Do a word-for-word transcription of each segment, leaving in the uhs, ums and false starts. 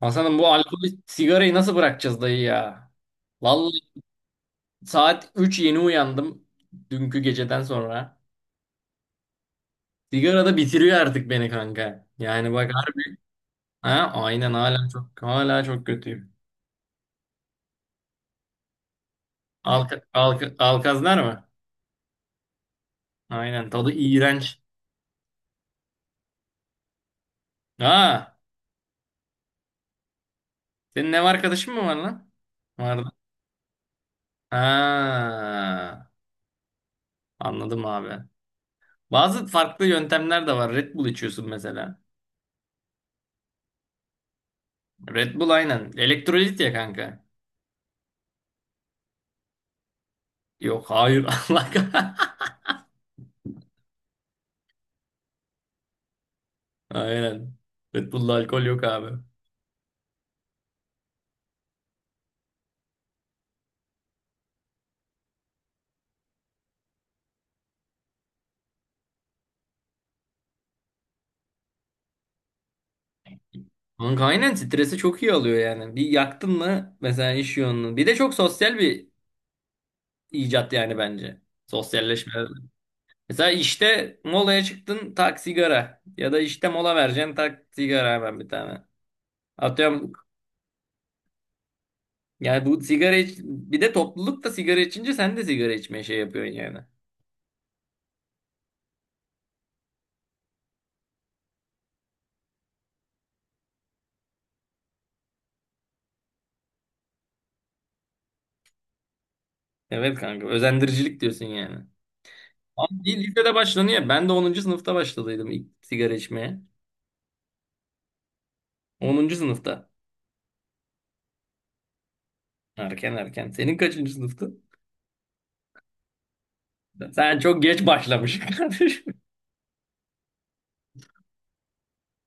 Hasan'ım, bu alkolü sigarayı nasıl bırakacağız dayı ya? Vallahi saat üç yeni uyandım dünkü geceden sonra. Sigara da bitiriyor artık beni, kanka. Yani bak, harbi. Ha, aynen, hala çok hala çok kötüyüm. Alka, alka, alkazlar mı? Aynen, tadı iğrenç. Ha, senin ev arkadaşın mı var lan? Vardı. Ha, anladım abi. Bazı farklı yöntemler de var. Red Bull içiyorsun mesela. Red Bull, aynen. Elektrolit ya, kanka. Yok, hayır. Allah kah- Aynen. Red Bull'da alkol yok abi. Kanka aynen, stresi çok iyi alıyor yani. Bir yaktın mı, mesela iş yoğunluğu. Bir de çok sosyal bir icat yani, bence. Sosyalleşme. Mesela işte molaya çıktın, tak sigara. Ya da işte mola vereceksin, tak sigara hemen bir tane. Atıyorum. Yani bu sigara iç... bir de topluluk da sigara içince sen de sigara içmeye şey yapıyorsun yani. Evet kanka, özendiricilik diyorsun yani. Ama bir lisede başlanıyor. Ben de onuncu sınıfta başladıydım ilk sigara içmeye. Onuncu sınıfta. Erken, erken. Senin kaçıncı sınıftı? Sen çok geç başlamışsın kardeşim.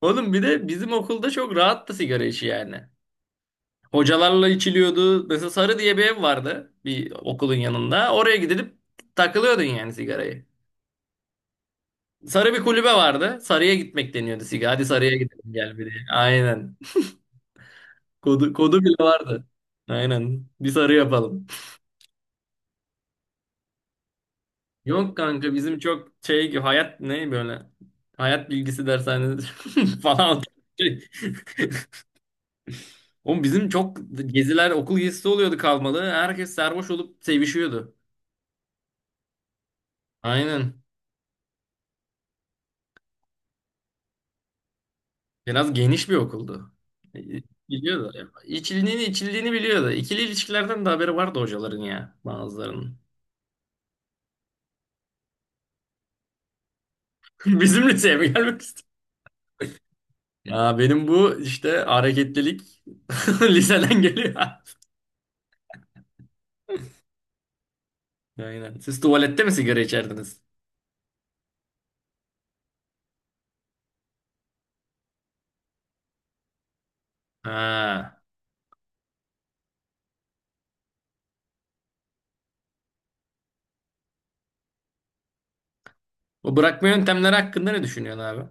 Oğlum, bir de bizim okulda çok rahattı sigara işi yani. Hocalarla içiliyordu. Mesela Sarı diye bir ev vardı bir okulun yanında. Oraya gidip takılıyordun yani, sigarayı. Sarı bir kulübe vardı. Sarı'ya gitmek deniyordu sigara. Hadi Sarı'ya gidelim gel bir diye. Aynen. Kodu, kodu bile vardı. Aynen. Bir Sarı yapalım. Yok kanka, bizim çok şey, hayat ne böyle, hayat bilgisi dershanesi falan. Oğlum bizim çok geziler okul gezisi oluyordu kalmalı. Herkes sarhoş olup sevişiyordu. Aynen. Biraz geniş bir okuldu. E, e, Biliyordu. İçiliğini, içiliğini biliyordu. İkili ilişkilerden de haberi vardı hocaların, ya bazılarının. Bizim liseye mi gelmek istiyor? Ya benim bu işte hareketlilik liseden geliyor. Aynen. Siz tuvalette mi sigara içerdiniz? Ha. O bırakma yöntemleri hakkında ne düşünüyorsun abi?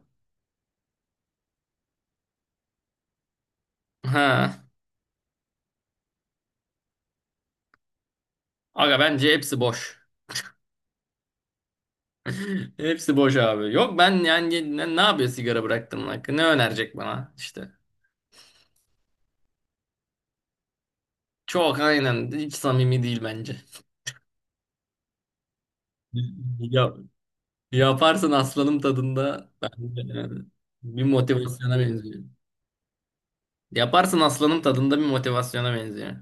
Ha. Aga, bence hepsi boş. Hepsi boş abi. Yok ben yani ne, ne yapıyor sigara bıraktığımın hakkı? Ne önerecek bana işte? Çok aynen, hiç samimi değil bence. Ya, yaparsın aslanım tadında, bence yani bir motivasyona benziyor. Yaparsın aslanım tadında bir motivasyona benziyor.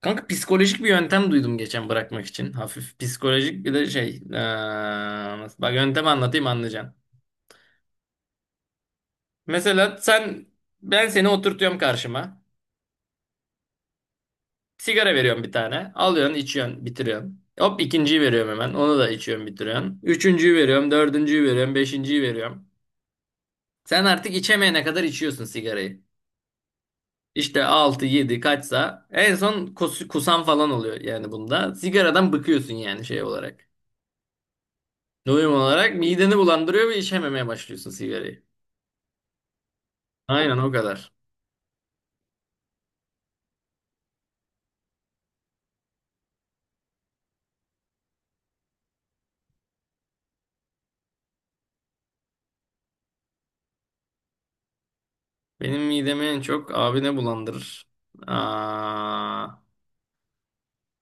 Kanka, psikolojik bir yöntem duydum geçen bırakmak için. Hafif psikolojik bir de şey. Eee, nasıl- bak yöntemi anlatayım, anlayacaksın. Mesela sen, ben seni oturtuyorum karşıma. Sigara veriyorum bir tane. Alıyorsun, içiyorsun, bitiriyorsun. Hop, ikinciyi veriyorum hemen. Onu da içiyorsun, bitiriyorsun. Üçüncüyü veriyorum, dördüncüyü veriyorum, beşinciyi veriyorum. Sen artık içemeyene kadar içiyorsun sigarayı. İşte altı yedi kaçsa, en son kus- kusan falan oluyor yani bunda. Sigaradan bıkıyorsun yani, şey olarak. Doyum olarak mideni bulandırıyor ve içememeye başlıyorsun sigarayı. Aynen, o kadar. Benim midemi en çok abi ne bulandırır? Aa,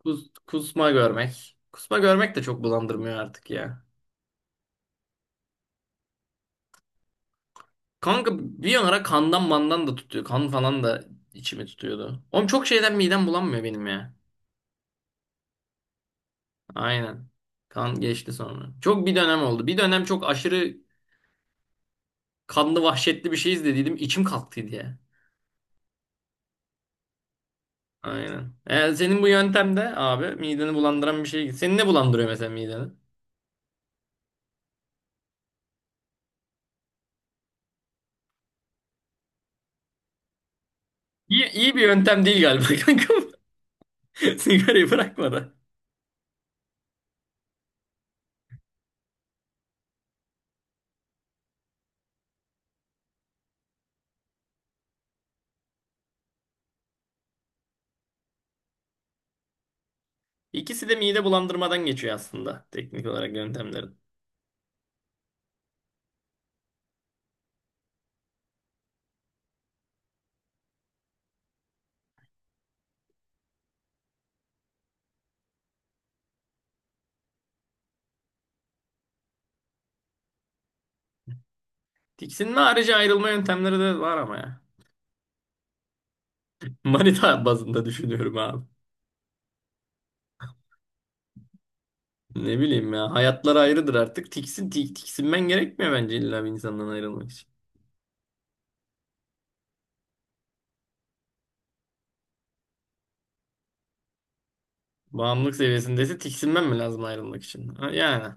kus- Kusma görmek. Kusma görmek de çok bulandırmıyor artık ya. Kanka bir ara kandan mandan da tutuyor. Kan falan da içimi tutuyordu. Oğlum çok şeyden midem bulanmıyor benim ya. Aynen. Kan geçti sonra. Çok bir dönem oldu. Bir dönem çok aşırı kanlı vahşetli bir şey izlediydim. İçim kalktıydı ya. Aynen. Yani senin bu yöntemde de abi, mideni bulandıran bir şey. Seni ne bulandırıyor mesela mideni? İyi, iyi bir yöntem değil galiba kanka. Sigarayı bırakmadan. İkisi de mide bulandırmadan geçiyor aslında, teknik olarak, yöntemlerin. Tiksinme harici ayrılma yöntemleri de var ama ya. Manita bazında düşünüyorum abi. Ne bileyim ya, hayatlar ayrıdır artık. Tiksin, tik, tiksinmen gerekmiyor bence illa bir insandan ayrılmak için. Bağımlılık seviyesindeyse tiksinmen mi lazım ayrılmak için? Ha, yani.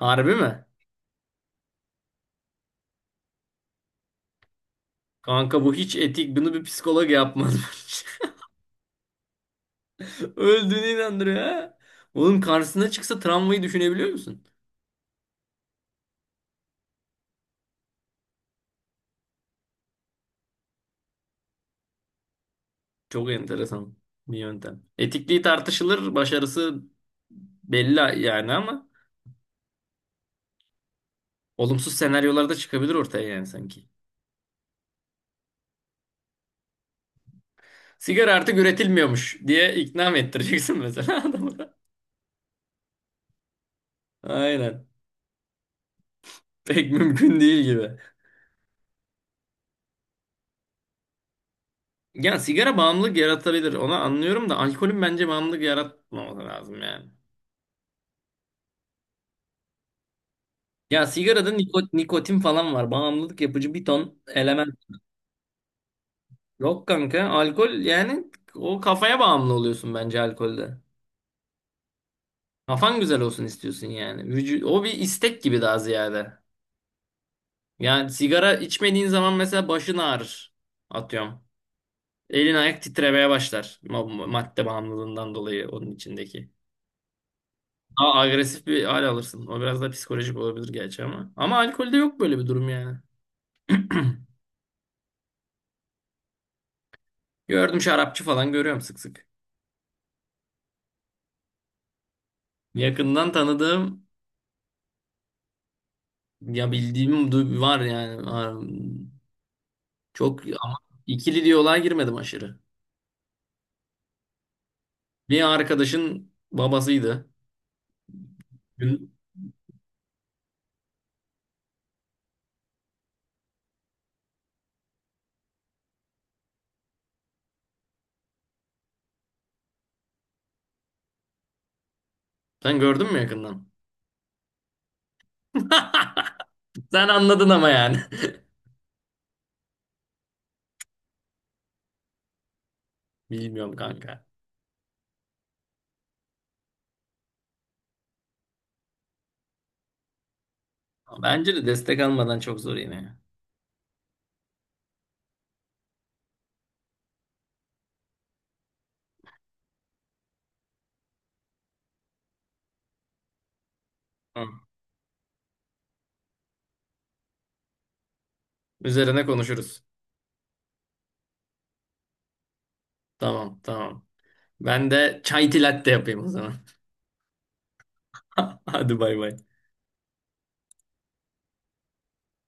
Harbi mi? Kanka bu hiç etik. Bunu bir psikolog yapmaz bence. Öldüğünü inandırıyor ha. Oğlum, karşısına çıksa, travmayı düşünebiliyor musun? Çok enteresan bir yöntem. Etikliği tartışılır, başarısı belli yani, ama olumsuz senaryolar da çıkabilir ortaya yani, sanki. Sigara artık üretilmiyormuş diye ikna mı ettireceksin mesela adamı da? Aynen. Pek mümkün değil gibi. Yani sigara bağımlılık yaratabilir. Onu anlıyorum da alkolün bence bağımlılık yaratmaması lazım yani. Ya sigarada niko- nikotin falan var. Bağımlılık yapıcı bir ton element. Yok kanka. Alkol yani, o kafaya bağımlı oluyorsun bence alkolde. Kafan güzel olsun istiyorsun yani. Vücu- o bir istek gibi daha ziyade. Yani sigara içmediğin zaman mesela başın ağrır. Atıyorum. Elin ayak titremeye başlar. Ma- Madde bağımlılığından dolayı, onun içindeki. Daha agresif bir hal alırsın. O biraz da psikolojik olabilir gerçi ama. Ama alkolde yok böyle bir durum yani. Gördüm, şarapçı falan görüyorum sık sık. Yakından tanıdığım ya bildiğim du- var yani. Var. Çok, ama ikili diyaloğa girmedim aşırı. Bir arkadaşın babasıydı. Gün- Sen gördün mü yakından? Sen anladın ama yani. Bilmiyorum kanka. Bence de destek almadan çok zor yine, ya. Hı. Üzerine konuşuruz. Tamam, tamam. Ben de çay tilatte yapayım o zaman. Hadi bay bay.